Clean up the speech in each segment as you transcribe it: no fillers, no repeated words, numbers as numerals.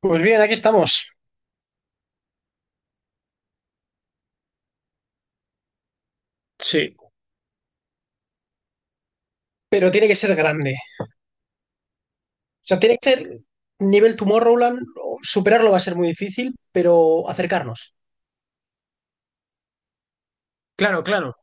Pues bien, aquí estamos. Sí. Pero tiene que ser grande. O sea, tiene que ser nivel Tomorrowland. O superarlo va a ser muy difícil, pero acercarnos. Claro, claro.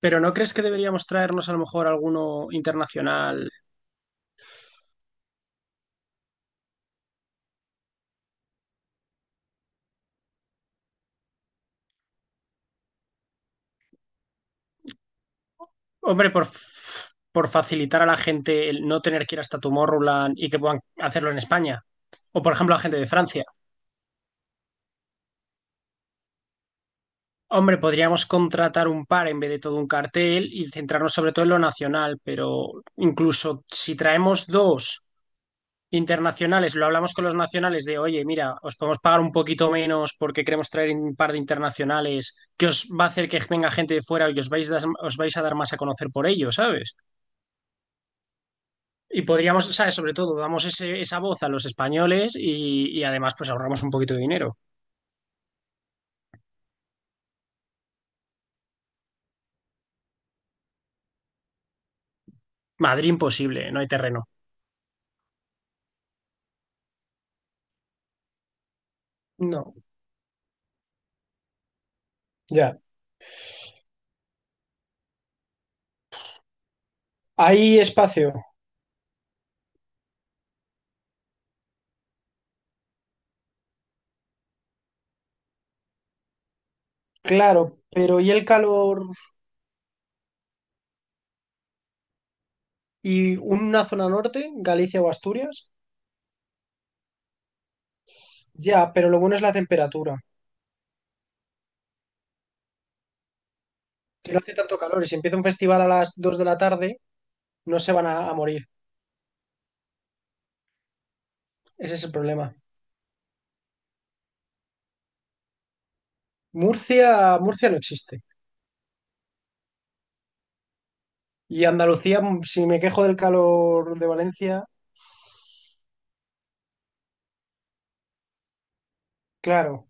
Pero ¿no crees que deberíamos traernos a lo mejor alguno internacional? Hombre, por facilitar a la gente el no tener que ir hasta Tomorrowland y que puedan hacerlo en España. O por ejemplo, a gente de Francia. Hombre, podríamos contratar un par en vez de todo un cartel y centrarnos sobre todo en lo nacional, pero incluso si traemos dos internacionales, lo hablamos con los nacionales de, oye, mira, os podemos pagar un poquito menos porque queremos traer un par de internacionales que os va a hacer que venga gente de fuera y os vais a dar más a conocer por ello, ¿sabes? Y podríamos, ¿sabes? Sobre todo, damos esa voz a los españoles y además pues ahorramos un poquito de dinero. Madrid imposible, no hay terreno. No, ya. Hay espacio, claro, pero ¿y el calor y una zona norte, Galicia o Asturias? Ya, pero lo bueno es la temperatura, que no hace tanto calor y si empieza un festival a las 2 de la tarde, no se van a morir. Ese es el problema. Murcia, Murcia no existe. Y Andalucía, si me quejo del calor de Valencia, claro.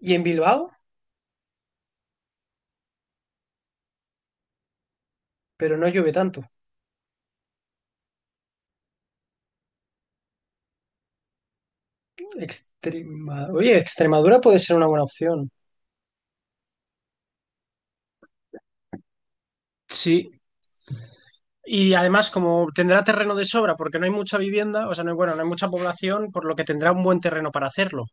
Y en Bilbao, pero no llueve tanto. Oye, Extremadura puede ser una buena opción. Sí. Y además, como tendrá terreno de sobra, porque no hay mucha vivienda, o sea, no hay, bueno, no hay mucha población, por lo que tendrá un buen terreno para hacerlo.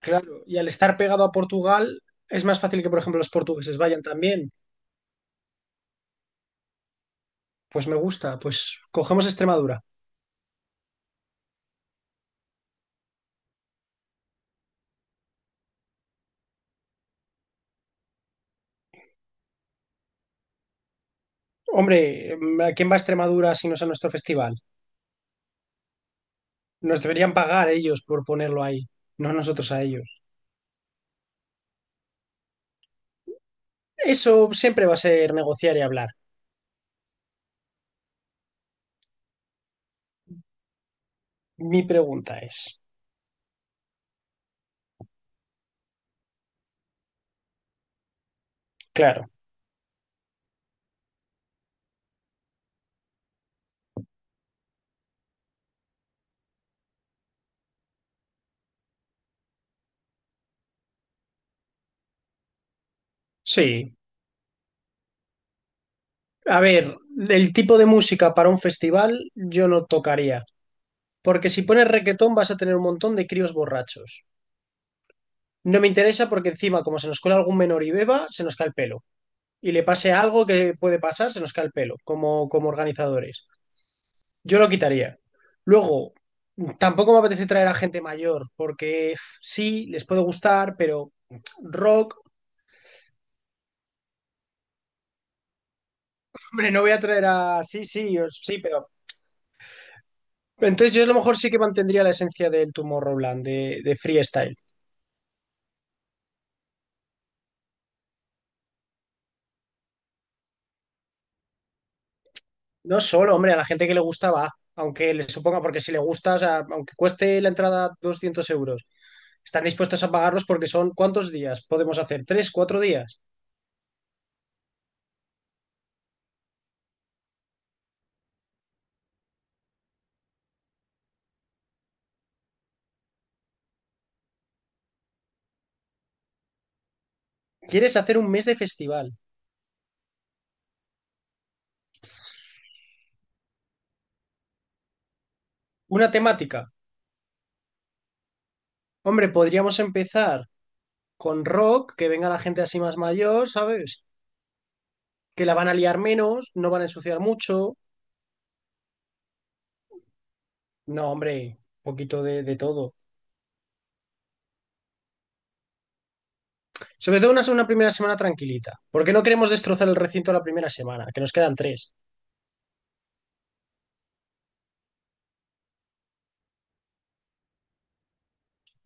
Claro, y al estar pegado a Portugal, es más fácil que, por ejemplo, los portugueses vayan también. Pues me gusta, pues cogemos Extremadura. Hombre, ¿a quién va a Extremadura si no es a nuestro festival? Nos deberían pagar ellos por ponerlo ahí, no nosotros a ellos. Eso siempre va a ser negociar y hablar. Mi pregunta es, claro, sí. A ver, el tipo de música para un festival yo no tocaría, porque si pones requetón vas a tener un montón de críos borrachos. No me interesa porque encima, como se nos cuela algún menor y beba, se nos cae el pelo. Y le pase algo que puede pasar, se nos cae el pelo, como organizadores. Yo lo quitaría. Luego, tampoco me apetece traer a gente mayor, porque sí, les puede gustar, pero rock, hombre, no voy a traer a... Sí, sí, sí, pero... Entonces yo a lo mejor sí que mantendría la esencia del Tomorrowland, de freestyle. No solo, hombre, a la gente que le gusta va, aunque le suponga, porque si le gusta, o sea, aunque cueste la entrada 200 euros, están dispuestos a pagarlos porque son ¿cuántos días? Podemos hacer tres, cuatro días. ¿Quieres hacer un mes de festival? Una temática. Hombre, podríamos empezar con rock, que venga la gente así más mayor, ¿sabes? Que la van a liar menos, no van a ensuciar mucho. No, hombre, un poquito de todo. Sobre todo una primera semana tranquilita, porque no queremos destrozar el recinto la primera semana, que nos quedan tres.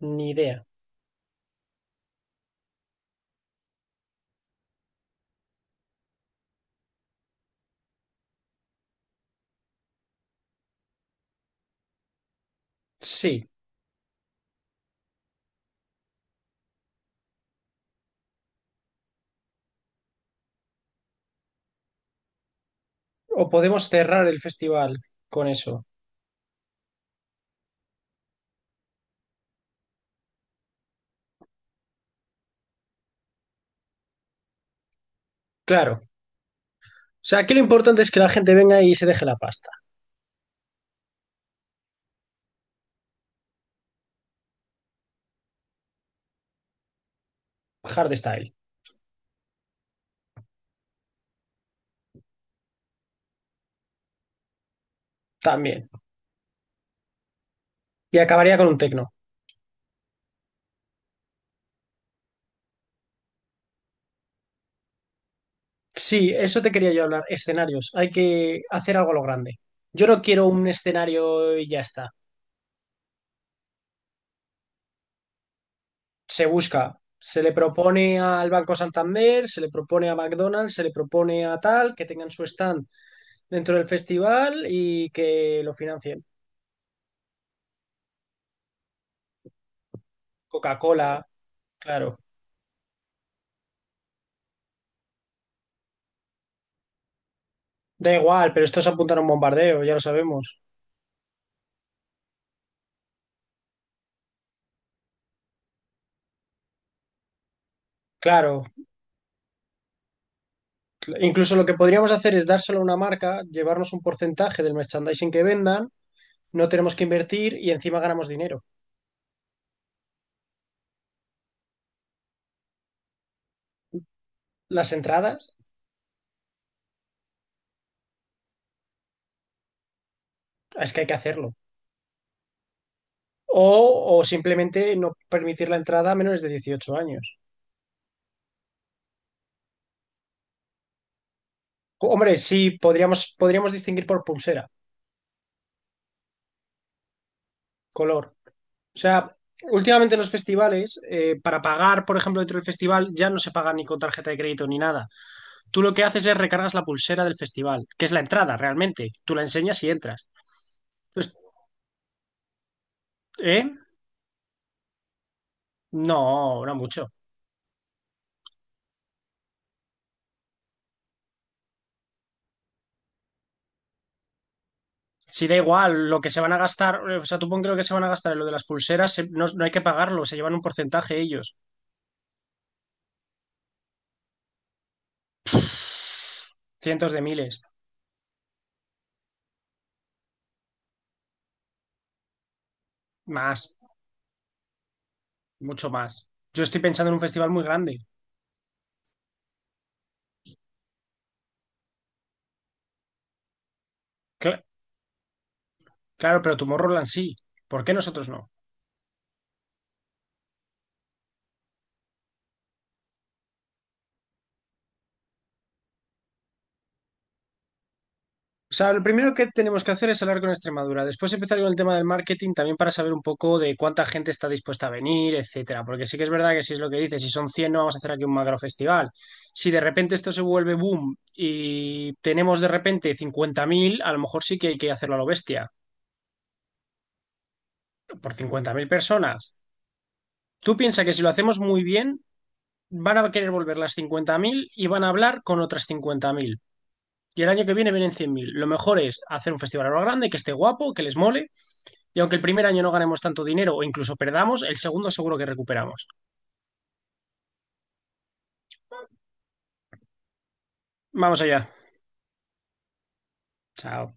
Ni idea. Sí, o podemos cerrar el festival con eso. Claro. O sea, aquí lo importante es que la gente venga y se deje la pasta. Hardstyle. También. Y acabaría con un techno. Sí, eso te quería yo hablar, escenarios. Hay que hacer algo a lo grande. Yo no quiero un escenario y ya está. Se busca, se le propone al Banco Santander, se le propone a McDonald's, se le propone a tal, que tengan su stand dentro del festival y que lo financien. Coca-Cola, claro. Da igual, pero esto es apuntar a un bombardeo, ya lo sabemos. Claro, incluso lo que podríamos hacer es dárselo a una marca, llevarnos un porcentaje del merchandising que vendan, no tenemos que invertir y encima ganamos dinero. Las entradas. Es que hay que hacerlo. O, o simplemente no permitir la entrada a menores de 18 años. Hombre, sí, podríamos, podríamos distinguir por pulsera, color. O sea, últimamente en los festivales, para pagar, por ejemplo, dentro del festival, ya no se paga ni con tarjeta de crédito ni nada. Tú lo que haces es recargas la pulsera del festival, que es la entrada realmente. Tú la enseñas y entras. Pues, ¿eh? No, no mucho. Si da igual, lo que se van a gastar, o sea, tú pon que lo que se van a gastar en lo de las pulseras, no, no hay que pagarlo, se llevan un porcentaje ellos, cientos de miles. Más, mucho más. Yo estoy pensando en un festival muy grande. Cla- claro, pero Tomorrowland sí. ¿Por qué nosotros no? O sea, lo primero que tenemos que hacer es hablar con Extremadura. Después empezar con el tema del marketing también para saber un poco de cuánta gente está dispuesta a venir, etcétera. Porque sí que es verdad que si es lo que dices, si son 100 no vamos a hacer aquí un macro festival. Si de repente esto se vuelve boom y tenemos de repente 50.000 a lo mejor sí que hay que hacerlo a lo bestia, por 50.000 personas. Tú piensas que si lo hacemos muy bien, van a querer volver las 50.000 y van a hablar con otras 50.000. Y el año que viene vienen 100.000. Lo mejor es hacer un festival ahora grande, que esté guapo, que les mole. Y aunque el primer año no ganemos tanto dinero o incluso perdamos, el segundo seguro que recuperamos. Vamos allá. Chao.